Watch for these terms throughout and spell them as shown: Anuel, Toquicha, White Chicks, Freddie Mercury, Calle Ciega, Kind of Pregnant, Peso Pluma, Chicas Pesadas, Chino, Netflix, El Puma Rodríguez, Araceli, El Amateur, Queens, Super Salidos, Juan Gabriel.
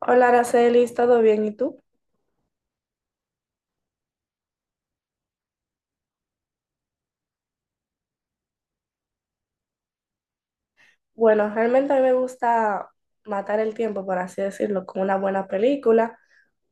Hola, Araceli, ¿todo bien? ¿Y tú? Bueno, realmente a mí me gusta matar el tiempo, por así decirlo, con una buena película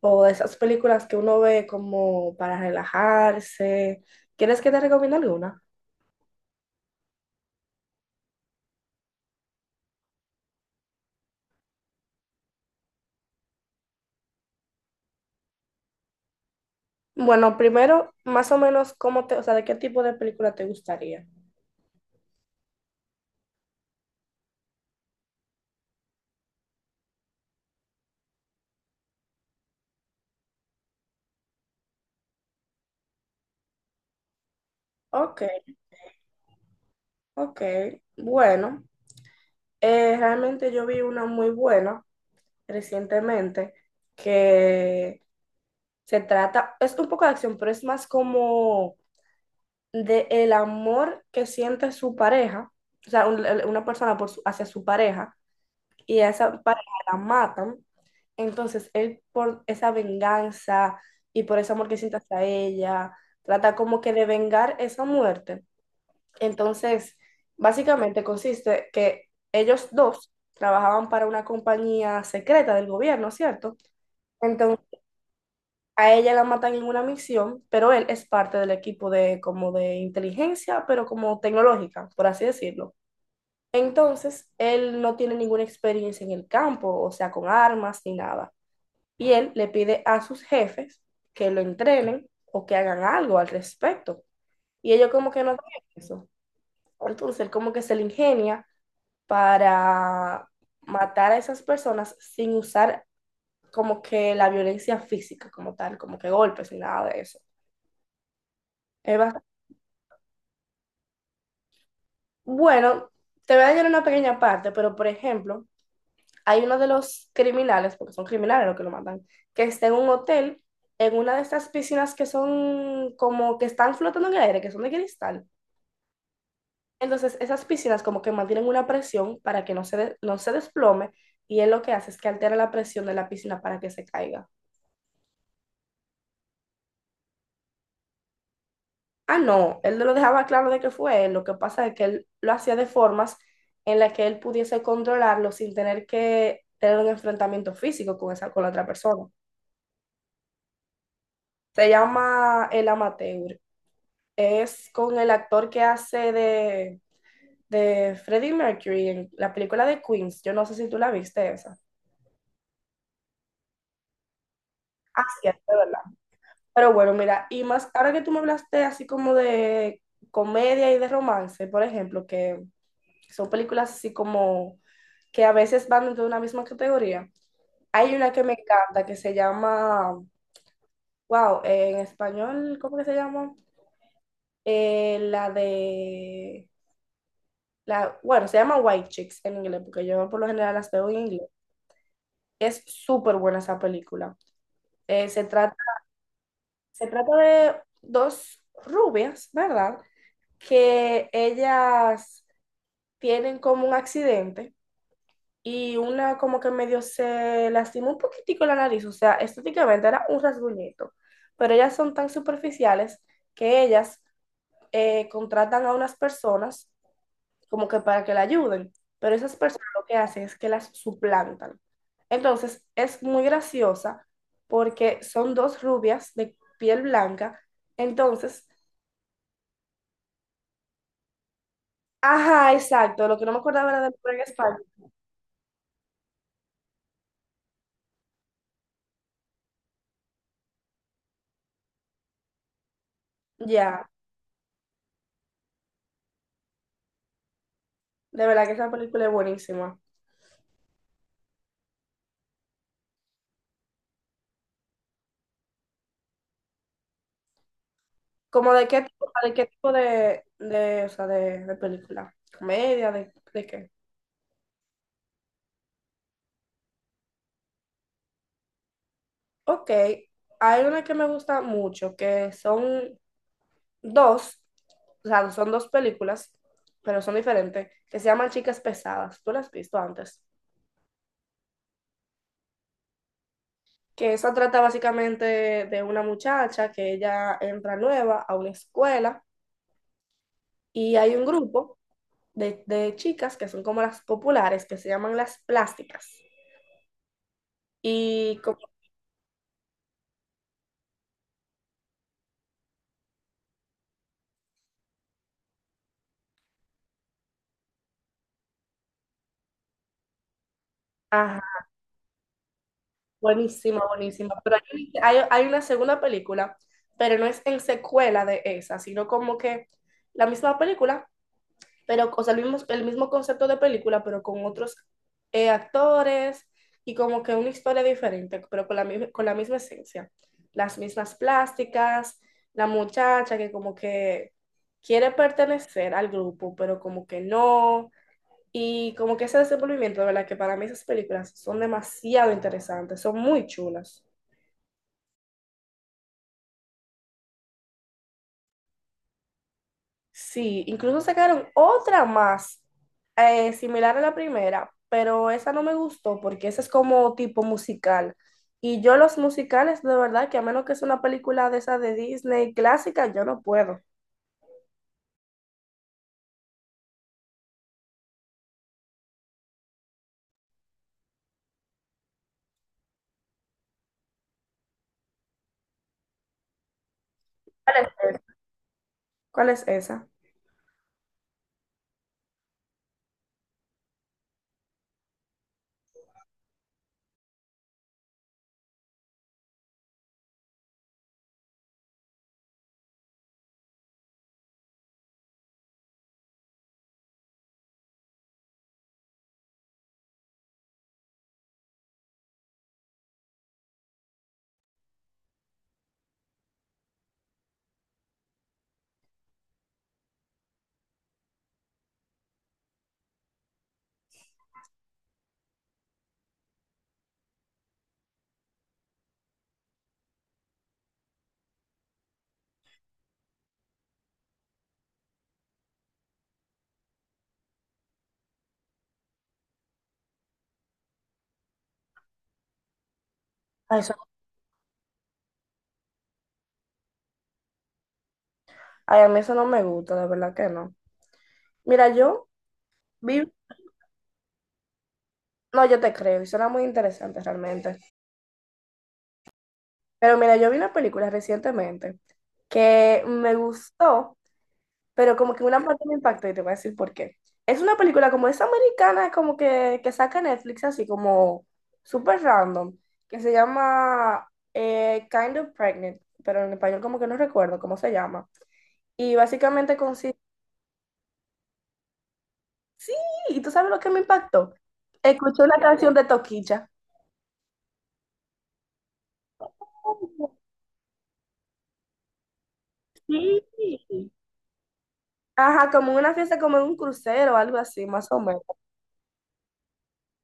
o de esas películas que uno ve como para relajarse. ¿Quieres que te recomiende alguna? Bueno, primero, más o menos, ¿cómo te, o sea, de qué tipo de película te gustaría? Ok, ok. Bueno, realmente yo vi una muy buena recientemente que se trata, es un poco de acción, pero es más como de el amor que siente su pareja, o sea, una persona hacia su pareja, y a esa pareja la matan, entonces él por esa venganza y por ese amor que siente hacia ella, trata como que de vengar esa muerte. Entonces, básicamente consiste que ellos dos trabajaban para una compañía secreta del gobierno, ¿cierto? Entonces a ella la matan en una misión, pero él es parte del equipo de como de inteligencia, pero como tecnológica, por así decirlo. Entonces, él no tiene ninguna experiencia en el campo, o sea, con armas ni nada. Y él le pide a sus jefes que lo entrenen o que hagan algo al respecto. Y ellos como que no tienen eso. Entonces, él como que se le ingenia para matar a esas personas sin usar como que la violencia física como tal, como que golpes y nada de eso. Es. Bueno, te voy a dañar una pequeña parte, pero por ejemplo, hay uno de los criminales, porque son criminales los que lo matan, que está en un hotel, en una de estas piscinas que son como que están flotando en el aire, que son de cristal. Entonces, esas piscinas como que mantienen una presión para que no se desplome, y él lo que hace es que altera la presión de la piscina para que se caiga. Ah, no, él lo dejaba claro de que fue él. Lo que pasa es que él lo hacía de formas en las que él pudiese controlarlo sin tener que tener un enfrentamiento físico con con la otra persona. Se llama El Amateur. Es con el actor que hace de Freddie Mercury en la película de Queens. Yo no sé si tú la viste esa. Ah, sí, es de verdad. Pero bueno, mira, y más ahora que tú me hablaste así como de comedia y de romance, por ejemplo, que son películas así como que a veces van dentro de una misma categoría. Hay una que me encanta que se llama, wow, en español, ¿cómo que se llama? Eh, la de, la, bueno, se llama White Chicks en inglés, porque yo por lo general las veo en inglés. Es súper buena esa película. Eh, se trata, se trata de dos rubias, ¿verdad? Que ellas tienen como un accidente y una como que medio se lastimó un poquitico la nariz, o sea, estéticamente era un rasguñito, pero ellas son tan superficiales que ellas contratan a unas personas como que para que la ayuden, pero esas personas lo que hacen es que las suplantan. Entonces, es muy graciosa porque son dos rubias de piel blanca, entonces, ajá, exacto, lo que no me acordaba era de Pura en España, ya, de verdad que esa película es buenísima. ¿Como de qué tipo, de qué tipo de película? ¿Comedia? ¿De qué? Ok, hay una que me gusta mucho, que son dos, o sea, son dos películas, pero son diferentes, que se llaman Chicas Pesadas. ¿Tú las has visto antes? Que eso trata básicamente de una muchacha que ella entra nueva a una escuela y hay un grupo de chicas que son como las populares, que se llaman las plásticas. Y como, ajá, buenísima, buenísima. Hay una segunda película, pero no es en secuela de esa, sino como que la misma película, pero, o sea, el mismo concepto de película, pero con otros actores y como que una historia diferente, pero con con la misma esencia. Las mismas plásticas, la muchacha que como que quiere pertenecer al grupo, pero como que no. Y como que ese desenvolvimiento, de verdad, que para mí esas películas son demasiado interesantes, son muy chulas. Sí, incluso sacaron otra más similar a la primera, pero esa no me gustó porque esa es como tipo musical. Y yo los musicales, de verdad, que a menos que sea una película de esa de Disney clásica, yo no puedo. ¿Cuál es esa? ¿Cuál es esa? Ay, eso- ay, a mí eso no me gusta, de verdad que no. Mira, yo vi... No, yo te creo, y suena muy interesante realmente. Pero mira, yo vi una película recientemente que me gustó, pero como que una parte me impactó y te voy a decir por qué. Es una película como es americana, como que saca Netflix así como súper random, que se llama Kind of Pregnant, pero en español como que no recuerdo cómo se llama. Y básicamente consiste... ¿Y tú sabes lo que me impactó? Escuché una canción de Toquicha. Oh. Sí. Ajá, como una fiesta, como en un crucero o algo así, más o menos.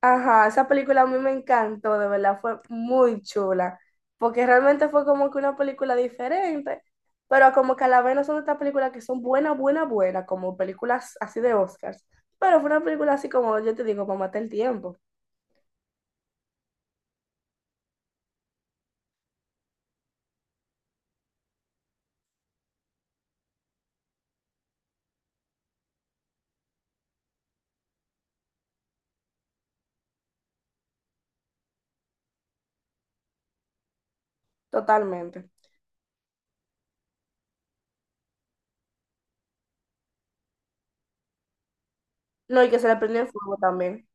Ajá, esa película a mí me encantó, de verdad, fue muy chula, porque realmente fue como que una película diferente, pero como que a la vez no son estas películas que son buenas, buenas, buenas, como películas así de Oscars, pero fue una película así como, yo te digo, para matar el tiempo, totalmente. No, y que se le prendió el fuego también.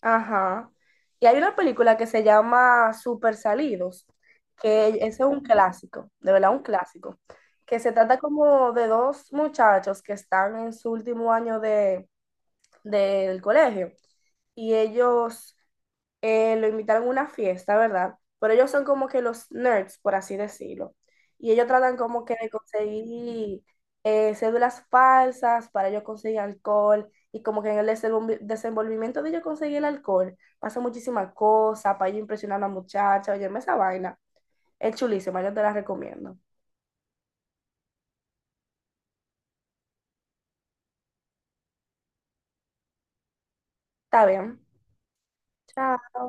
Ajá. Y hay una película que se llama Super Salidos, que ese es un clásico, de verdad un clásico, que se trata como de dos muchachos que están en su último año del colegio y ellos lo invitaron a una fiesta, ¿verdad? Pero ellos son como que los nerds, por así decirlo. Y ellos tratan como que de conseguir cédulas falsas para ellos conseguir alcohol. Y como que en el desenvolvimiento de ellos conseguir el alcohol, pasa muchísimas cosas para ellos impresionar a la muchacha. Oye, esa vaina. Es chulísima, yo te la recomiendo. Está bien. Chao.